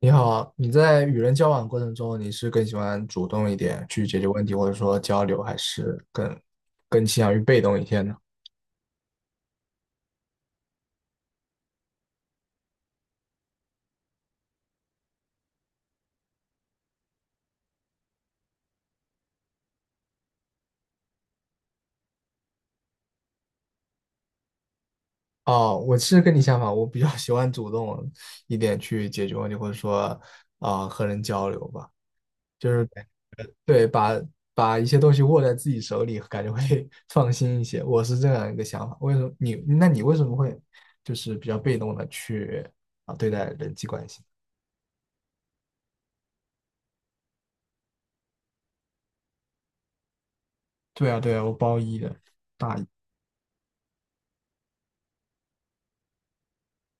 你好啊你在与人交往过程中，你是更喜欢主动一点去解决问题，或者说交流，还是更倾向于被动一些呢？哦，我是跟你相反，我比较喜欢主动一点去解决问题，或者说和人交流吧。对，把一些东西握在自己手里，感觉会 放心一些。我是这样一个想法。为什么你？那你为什么会就是比较被动的去对待人际关系？对啊，对啊，我包一的，大一。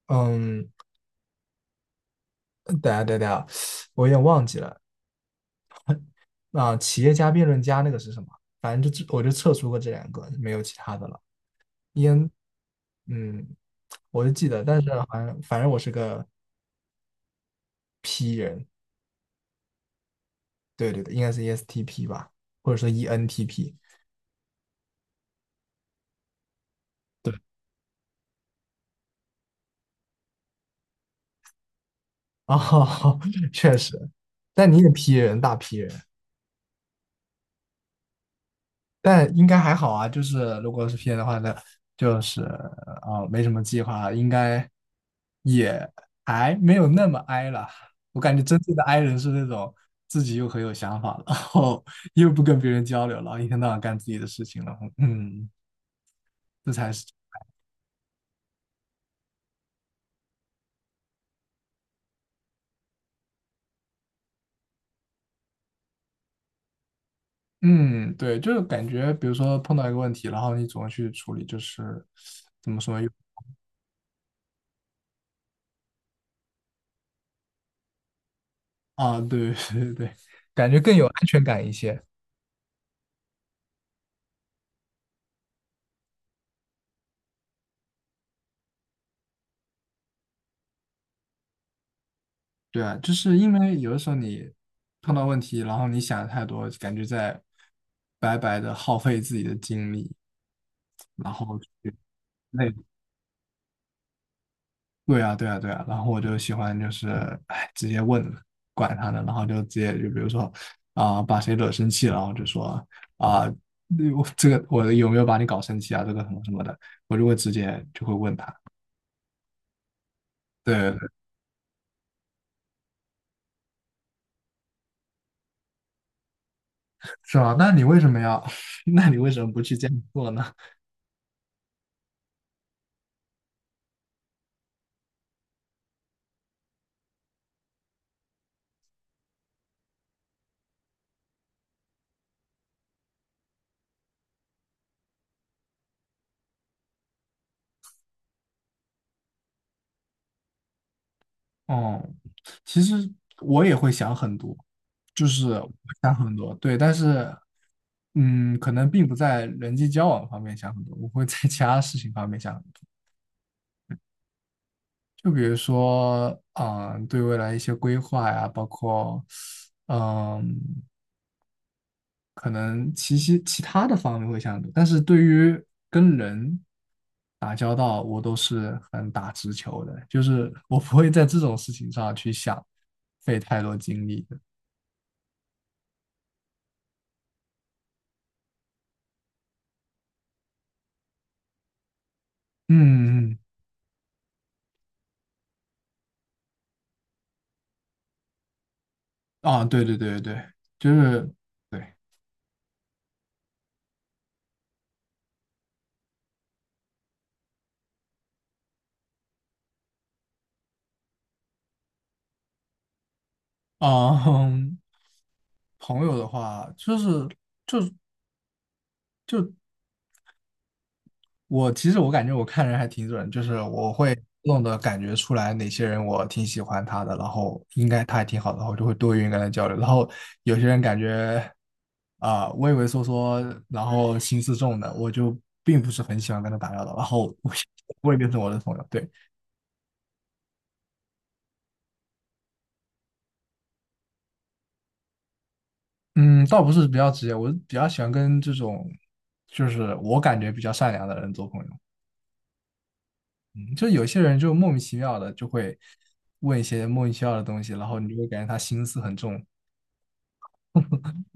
嗯。等下等下，我有点忘记了。啊，企业家、辩论家那个是什么？反正就只我就测出过这两个，没有其他的了。EN，嗯，我就记得，但是好像反正我是个，对对对，应该是 ESTP 吧，或者说 ENTP。哦，确实，但你也 P 人，大 P 人。但应该还好啊，就是如果是 P N 的话呢，就是没什么计划，应该也还没有那么 I 了。我感觉真正的 I 人是那种自己又很有想法，然后 又不跟别人交流了，然后一天到晚干自己的事情了。嗯，这才是。嗯，对，就是感觉比如说碰到一个问题，然后你怎么去处理，就是怎么说又对 对对，感觉更有安全感一些。对啊，就是因为有的时候你碰到问题，然后你想的太多，感觉在白白的耗费自己的精力，然后去累。对啊，对啊，对啊。然后我就喜欢就是，哎，直接问了，管他呢，然后就直接就比如说把谁惹生气了，然后就说啊、那我这个我有没有把你搞生气啊？这个什么什么的，我就会直接就会问他。对对对。是吧？那你为什么要？那你为什么不去这样做呢？哦，其实我也会想很多，就是我会想很多，对，但是，可能并不在人际交往方面想很多，我会在其他事情方面想很多，就比如说，对未来一些规划呀，包括，嗯，可能其他的方面会想很多，但是对于跟人打交道，我都是很打直球的，就是我不会在这种事情上去想费太多精力。嗯嗯嗯。啊，对对对对，就是对啊。嗯朋友的话，就是我其实感觉我看人还挺准，就是我会弄动的感觉出来哪些人我挺喜欢他的，然后应该他还挺好的，然后就会多愿意跟他交流。然后有些人感觉畏畏缩缩，然后心思重的，我就并不是很喜欢跟他打交道，然后我 我也变成我的朋友，对。嗯，倒不是比较直接，我比较喜欢跟这种，就是我感觉比较善良的人做朋友。嗯，就有些人就莫名其妙的就会问一些莫名其妙的东西，然后你就会感觉他心思很重，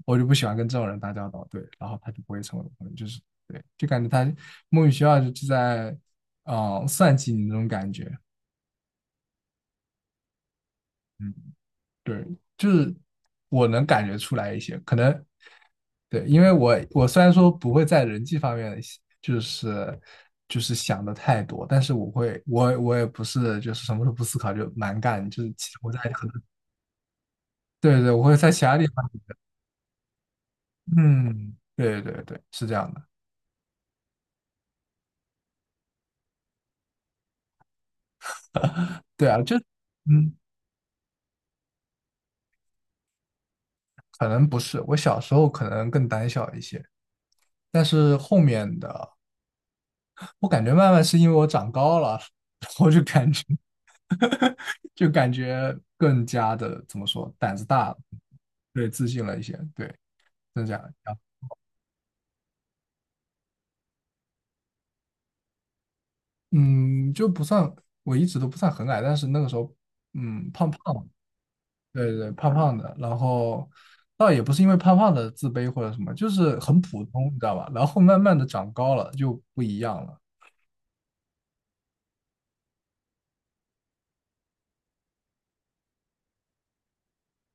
我就不喜欢跟这种人打交道。对，然后他就不会成为我的朋友，就是对，就感觉他莫名其妙就在算计你那种感觉。嗯，对，就是我能感觉出来一些，可能对，因为我虽然说不会在人际方面就是就是想的太多，但是我会我我也不是就是什么都不思考就蛮干，就是其实我在很多对对，我会在其他地方，嗯，对对对，是这样的，对啊，就嗯，可能不是，我小时候可能更胆小一些，但是后面的我感觉慢慢是因为我长高了，我就感觉。就感觉更加的怎么说，胆子大了，对，自信了一些，对，增加啊，嗯，就不算，我一直都不算很矮，但是那个时候，胖胖的，对对，胖胖的，然后倒也不是因为胖胖的自卑或者什么，就是很普通，你知道吧？然后慢慢的长高了就不一样了，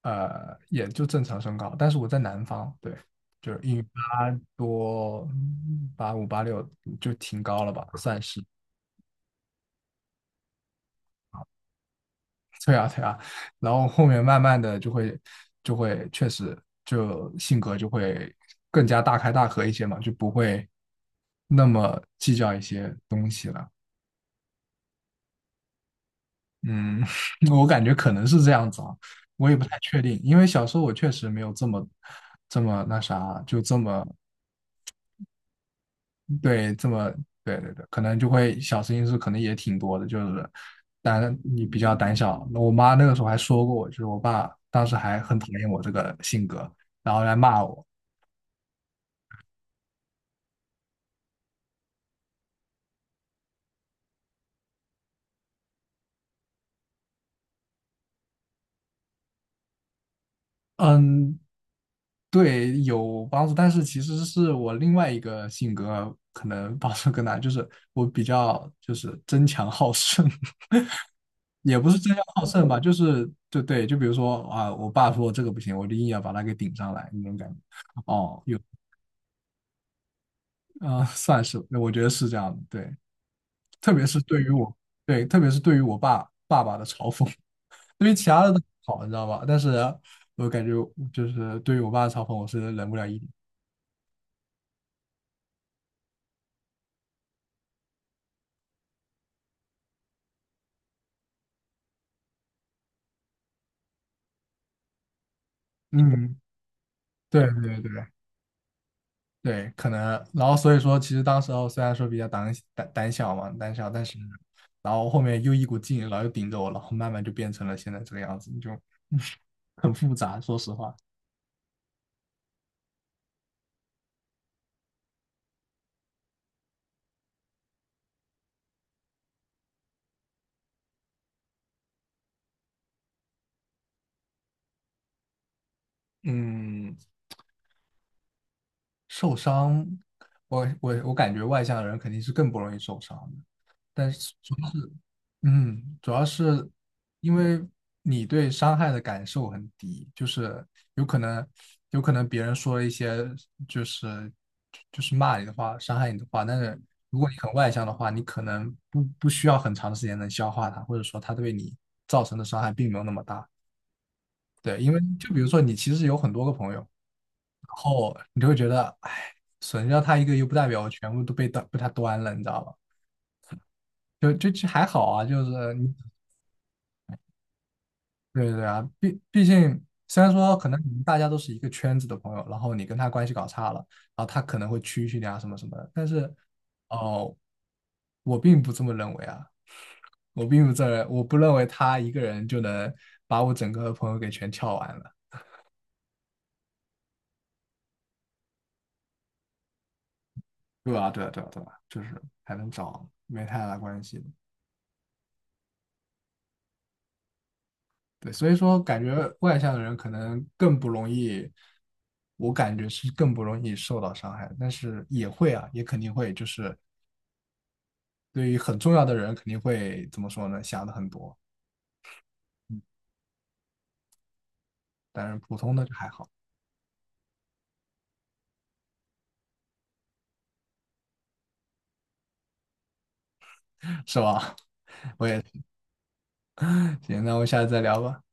也就正常身高，但是我在南方，对，就是1米8多，八五八六就挺高了吧，算是。对啊，对啊，然后后面慢慢的就会确实就性格就会更加大开大合一些嘛，就不会那么计较一些东西了。嗯，我感觉可能是这样子啊，我也不太确定，因为小时候我确实没有这么那啥，就这么对，这么对对对，可能就会小事情是可能也挺多的，就是但你比较胆小。那我妈那个时候还说过我，就是我爸当时还很讨厌我这个性格，然后来骂我。嗯，对，有帮助，但是其实是我另外一个性格可能帮助更大，就是我比较就是争强好胜。也不是争强好胜吧，就是就对，就比如说啊，我爸说这个不行，我就硬要把它给顶上来那种感觉。哦，有。算是，我觉得是这样的，对，特别是对于我，对，特别是对于我爸爸的嘲讽，对于其他的都好，你知道吧？但是我感觉就是对于我爸的嘲讽，我是忍不了一点。嗯，对对对对，可能，然后所以说，其实当时候虽然说比较胆小嘛，胆小，但是然后后面又一股劲，然后又顶着我，然后慢慢就变成了现在这个样子，就 很复杂，说实话。嗯，受伤，我感觉外向的人肯定是更不容易受伤的，但是主要是因为你对伤害的感受很低，就是有可能有可能别人说了一些就是就是骂你的话，伤害你的话，但是如果你很外向的话，你可能不需要很长的时间能消化它，或者说它对你造成的伤害并没有那么大。对，因为就比如说你其实有很多个朋友。然后你就会觉得，哎，损掉他一个又不代表我全部都被他端了，你知道吧？就还好啊，就是你，对对对啊，毕竟虽然说可能你们大家都是一个圈子的朋友，然后你跟他关系搞差了，然后他可能会蛐蛐你啊什么什么的，但是哦，我并不这么认为啊，我不认为他一个人就能把我整个朋友给全撬完了，对吧？对啊，对啊，对啊，就是还能找没太大关系的。对，所以说感觉外向的人可能更不容易，我感觉是更不容易受到伤害，但是也会啊，也肯定会，就是对于很重要的人肯定会怎么说呢，想的很多，但是普通的就还好，是吧？我也，行，那我们下次再聊吧。